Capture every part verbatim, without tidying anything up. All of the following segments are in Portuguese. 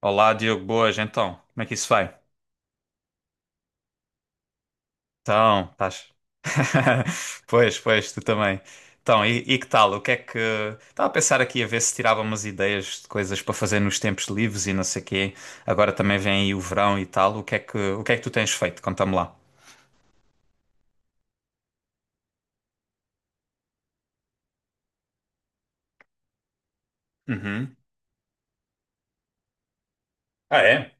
Olá, Diogo, boas, então, como é que isso vai? Então, estás. Pois, pois, tu também. Então, e, e que tal? O que é que. Estava a pensar aqui a ver se tirava umas ideias de coisas para fazer nos tempos livres e não sei quê. Agora também vem aí o verão e tal. O que é que, o que é que tu tens feito? Conta-me lá. Uhum. Ah, é?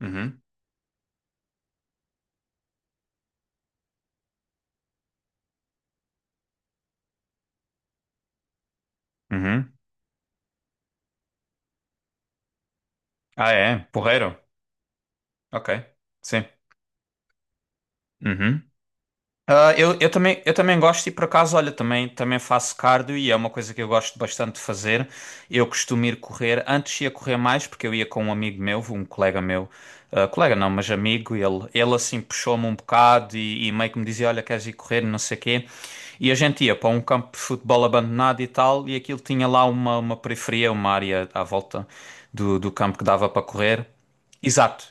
Uhum. Uhum. Ah, é? Porreiro? Ok. Sim. Uhum. Ah, eu, eu também, eu também gosto e por acaso, olha, também, também faço cardio e é uma coisa que eu gosto bastante de fazer. Eu costumo ir correr, antes ia correr mais porque eu ia com um amigo meu, um colega meu, ah, colega não, mas amigo, ele, ele assim puxou-me um bocado e, e meio que me dizia, olha, queres ir correr, não sei quê. E a gente ia para um campo de futebol abandonado e tal, e aquilo tinha lá uma, uma periferia, uma área à volta do, do campo que dava para correr. Exato.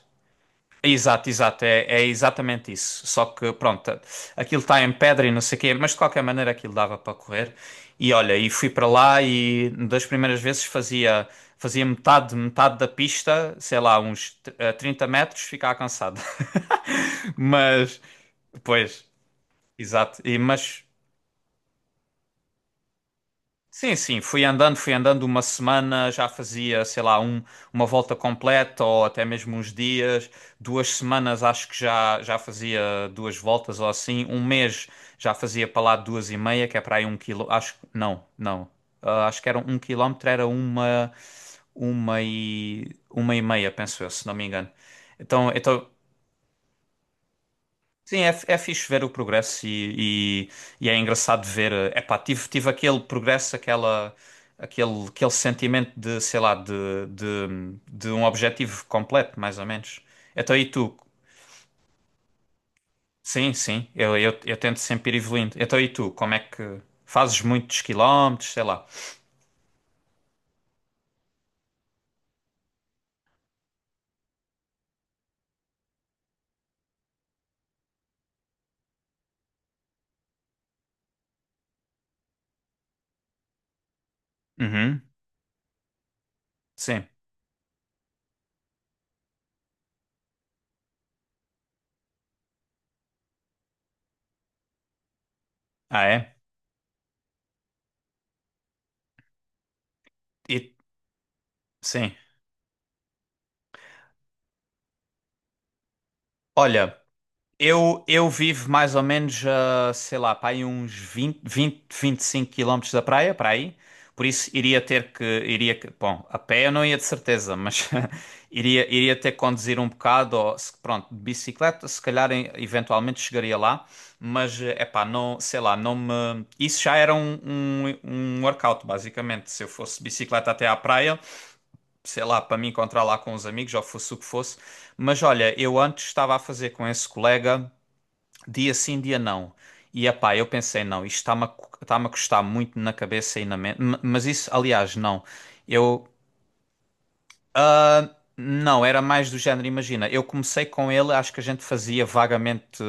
Exato, exato, é, é exatamente isso. Só que, pronto, aquilo está em pedra e não sei o quê, mas de qualquer maneira aquilo dava para correr. E olha, e fui para lá e das primeiras vezes fazia, fazia metade, metade da pista, sei lá, uns eh, 30 metros, ficava cansado. Mas, pois, exato. E, mas Sim, sim, fui andando, fui andando uma semana, já fazia, sei lá, um, uma volta completa ou até mesmo uns dias. Duas semanas acho que já, já fazia duas voltas ou assim. Um mês já fazia para lá duas e meia, que é para aí um quilo. Acho que, não, não. Ah, acho que era um quilómetro, era uma, uma e, uma e meia, penso eu, se não me engano. Então, então Sim, é, é fixe ver o progresso e, e, e é engraçado ver. eh, Epá, tive, tive aquele progresso, aquela, aquele, aquele sentimento de, sei lá, de, de, de um objetivo completo, mais ou menos. Então e tu? Sim, sim, eu, eu, eu tento sempre ir evoluindo. Então e tu? Como é que fazes muitos quilómetros, sei lá? Uhum, sim. Ah, é? E, sim. Olha. Eu, eu vivo mais ou menos, a, sei lá, para aí uns vinte vinte, vinte e cinco quilómetros da praia, para aí. Por isso iria ter que, iria, que- bom, a pé eu não ia de certeza, mas iria, iria ter que conduzir um bocado, ou, se- pronto, de bicicleta, se calhar em- eventualmente chegaria lá, mas, é pá, não, sei lá, não me... Isso já era um, um, um workout, basicamente, se eu fosse de bicicleta até à praia, sei lá, para me encontrar lá com os amigos, ou fosse o que fosse, mas olha, eu antes estava a fazer com esse colega dia sim, dia não. E epá, eu pensei, não, isto está-me a, cu- está-me a custar muito na cabeça e na mente. M- Mas isso, aliás, não. Eu. ah, não, era mais do género, imagina. Eu comecei com ele, acho que a gente fazia vagamente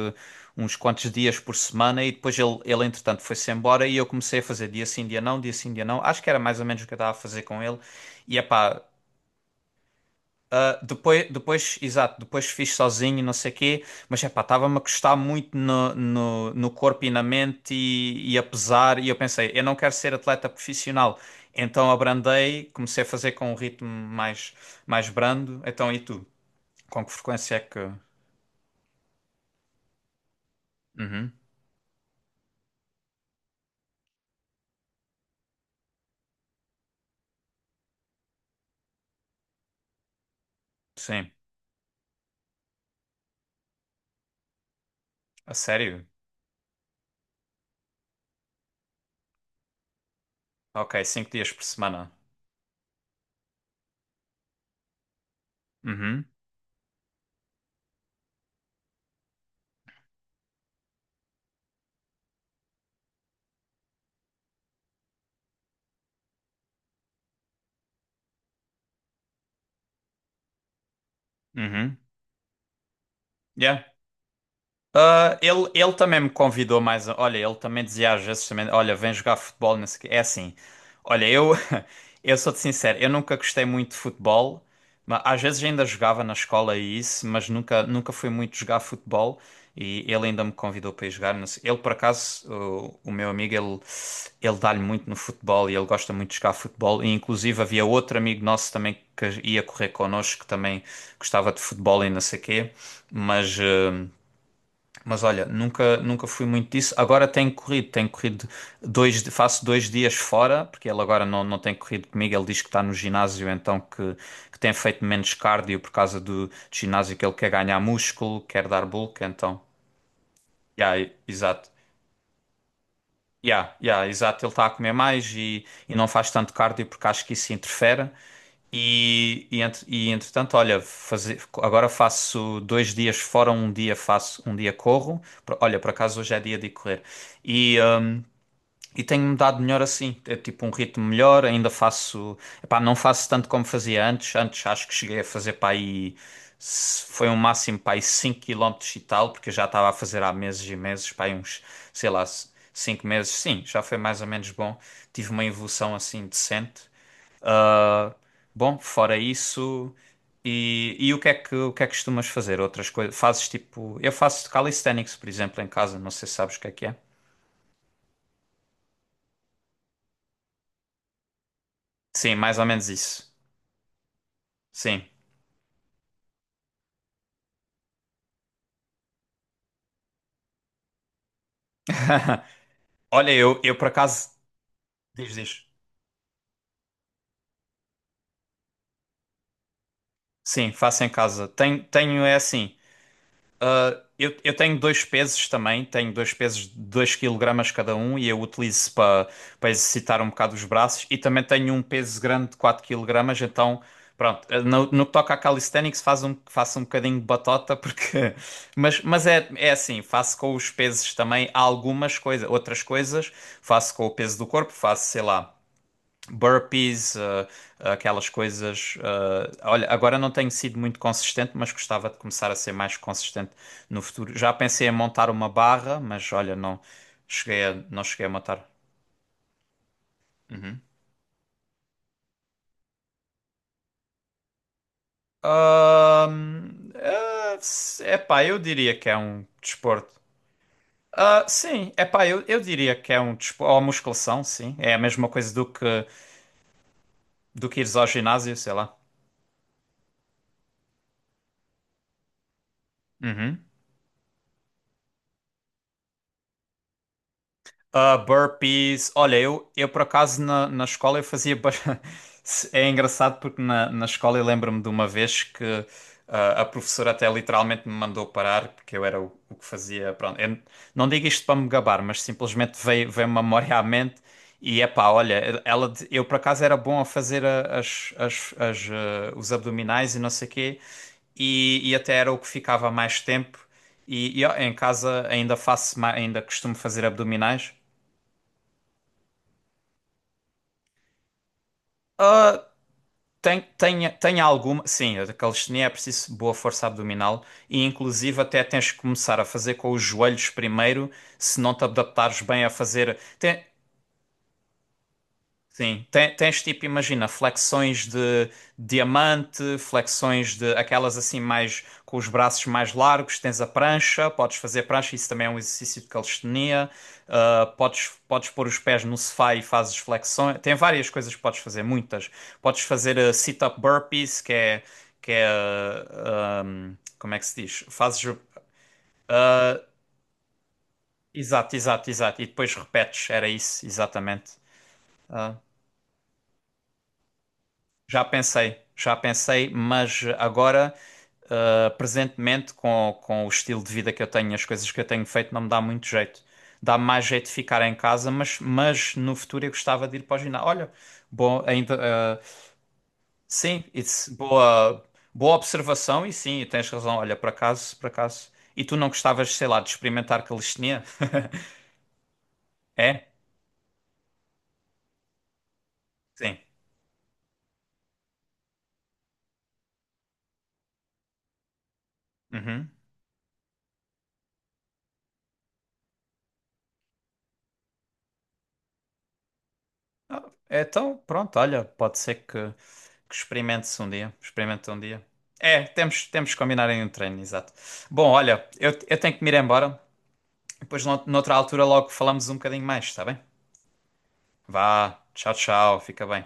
uns quantos dias por semana e depois ele, ele entretanto, foi-se embora e eu comecei a fazer dia sim, dia não, dia sim, dia não. Acho que era mais ou menos o que eu estava a fazer com ele. E epá, Ah, depois, depois, exato, depois fiz sozinho, não sei o quê, mas epá, estava-me a custar muito no, no, no corpo e na mente e, e a pesar, e eu pensei, eu não quero ser atleta profissional, então abrandei, comecei a fazer com um ritmo mais, mais brando, então e tu? Com que frequência é que... Uhum, sim, a sério? Ok, cinco dias por semana. Uhum, uhum, yeah. Ah, ele, ele também me convidou mais. a- Olha, ele também dizia às vezes também, olha, vem jogar futebol, não sei o quê. É assim. Olha, eu, eu sou-te sincero, eu nunca gostei muito de futebol, mas às vezes ainda jogava na escola e isso, mas nunca, nunca fui muito jogar futebol e ele ainda me convidou para ir jogar. Não sei- Ele, por acaso, o, o meu amigo, ele, ele dá-lhe muito no futebol e ele gosta muito de jogar futebol. E inclusive havia outro amigo nosso também que ia correr connosco, que também gostava de futebol e não sei o quê, mas. hum, mas olha, nunca, nunca fui muito disso. Agora tenho corrido, tenho corrido dois, faço dois dias fora, porque ele agora não, não tem corrido comigo. Ele diz que está no ginásio, então que, que tem feito menos cardio por causa do, do ginásio, que ele quer ganhar músculo, quer dar bulk, então. Yeah, e- exato. Yeah, yeah, exato. Ele está a comer mais e, e não faz tanto cardio porque acho que isso interfere. E, e, entre- e, entretanto, olha, fazer, agora faço dois dias fora, um dia faço, um dia corro. Por- Olha, por acaso hoje é dia de correr. E, hum, e tenho-me dado melhor assim, é tipo um ritmo melhor, ainda faço, epá, não faço tanto como fazia antes. Antes acho que cheguei a fazer para aí, se- foi um máximo para aí cinco quilómetros e tal, porque eu já estava a fazer há meses e meses, para aí uns, sei lá, cinco meses. Sim, já foi mais ou menos bom. Tive uma evolução assim decente. Ah, bom, fora isso. E, e o que é que, o que é que, costumas fazer? Outras coisas? Fazes tipo. Eu faço calisthenics, por exemplo, em casa. Não sei se sabes o que é que é. Sim, mais ou menos isso. Sim. Olha, eu, eu por acaso. Diz, diz. Sim, faço em casa. Tenho, tenho é assim. Ah, eu, eu tenho dois pesos também, tenho dois pesos de dois quilogramas cada um e eu utilizo para para exercitar um bocado os braços e também tenho um peso grande de quatro quilogramas, então pronto, ah, no, no que toca a calisthenics faz um, faço um bocadinho de batota porque mas, mas é, é assim, faço com os pesos também algumas coisas, outras coisas faço com o peso do corpo, faço sei lá burpees, eh, eh, aquelas coisas. eh, olha, agora não tenho sido muito consistente, mas gostava de começar a ser mais consistente no futuro. Já pensei em montar uma barra, mas olha, não cheguei a, não cheguei a montar. Uhum. Ahm, eh, se- epá, eu diria que é um desporto. Ah, sim, epá, eu, eu diria que é um desporto. Ou musculação, sim. É a mesma coisa do que, do que ires ao ginásio, sei lá. Uhum. Ah, burpees. Olha, eu, eu por acaso na, na escola eu fazia. ba- É engraçado porque na, na escola eu lembro-me de uma vez que ah, a professora até literalmente me mandou parar porque eu era o, o que fazia. Pronto, eu não digo isto para me gabar, mas simplesmente veio, veio uma memória à mente e epá, olha, ela, de- eu por acaso era bom a fazer a- as, as, as, ah, os abdominais e não sei o quê e, e até era o que ficava mais tempo. E, e, ó, em casa ainda faço, ma- ainda costumo fazer abdominais. Ah, tem, tem, tem alguma. Sim, a calistenia é preciso boa força abdominal e, inclusive, até tens que começar a fazer com os joelhos primeiro, se não te adaptares bem a fazer. Tem, Sim, Ten- tens tipo, imagina, flexões de diamante, flexões de aquelas assim mais com os braços mais largos, tens a prancha, podes fazer prancha, isso também é um exercício de calistenia, Ah, podes, podes pôr os pés no sofá e fazes flexões, tem várias coisas que podes fazer, muitas. Podes fazer ah, sit-up burpees, que é, que é ah, ahm, como é que se diz? Fazes, ah, exato, exato, exato, e depois repetes, era isso, exatamente. Ah, Já pensei, já pensei, mas agora, eh, presentemente, com, com o estilo de vida que eu tenho, as coisas que eu tenho feito, não me dá muito jeito. Dá mais jeito de ficar em casa, mas, mas no futuro eu gostava de ir para o ginásio. Olha, bom, ainda, eh, sim, it's boa, boa observação e sim, tens razão. Olha, por acaso, por acaso. E tu não gostavas, sei lá, de experimentar calistenia? É? Sim. Uhum. Ah, então, pronto, olha, pode ser que, que experimente-se um dia. Experimente um dia. É, temos, temos que combinar em um treino, exato. Bom, olha, eu, eu tenho que me ir embora. Depois, nout- noutra altura, logo falamos um bocadinho mais, está bem? Vá, tchau, tchau, fica bem.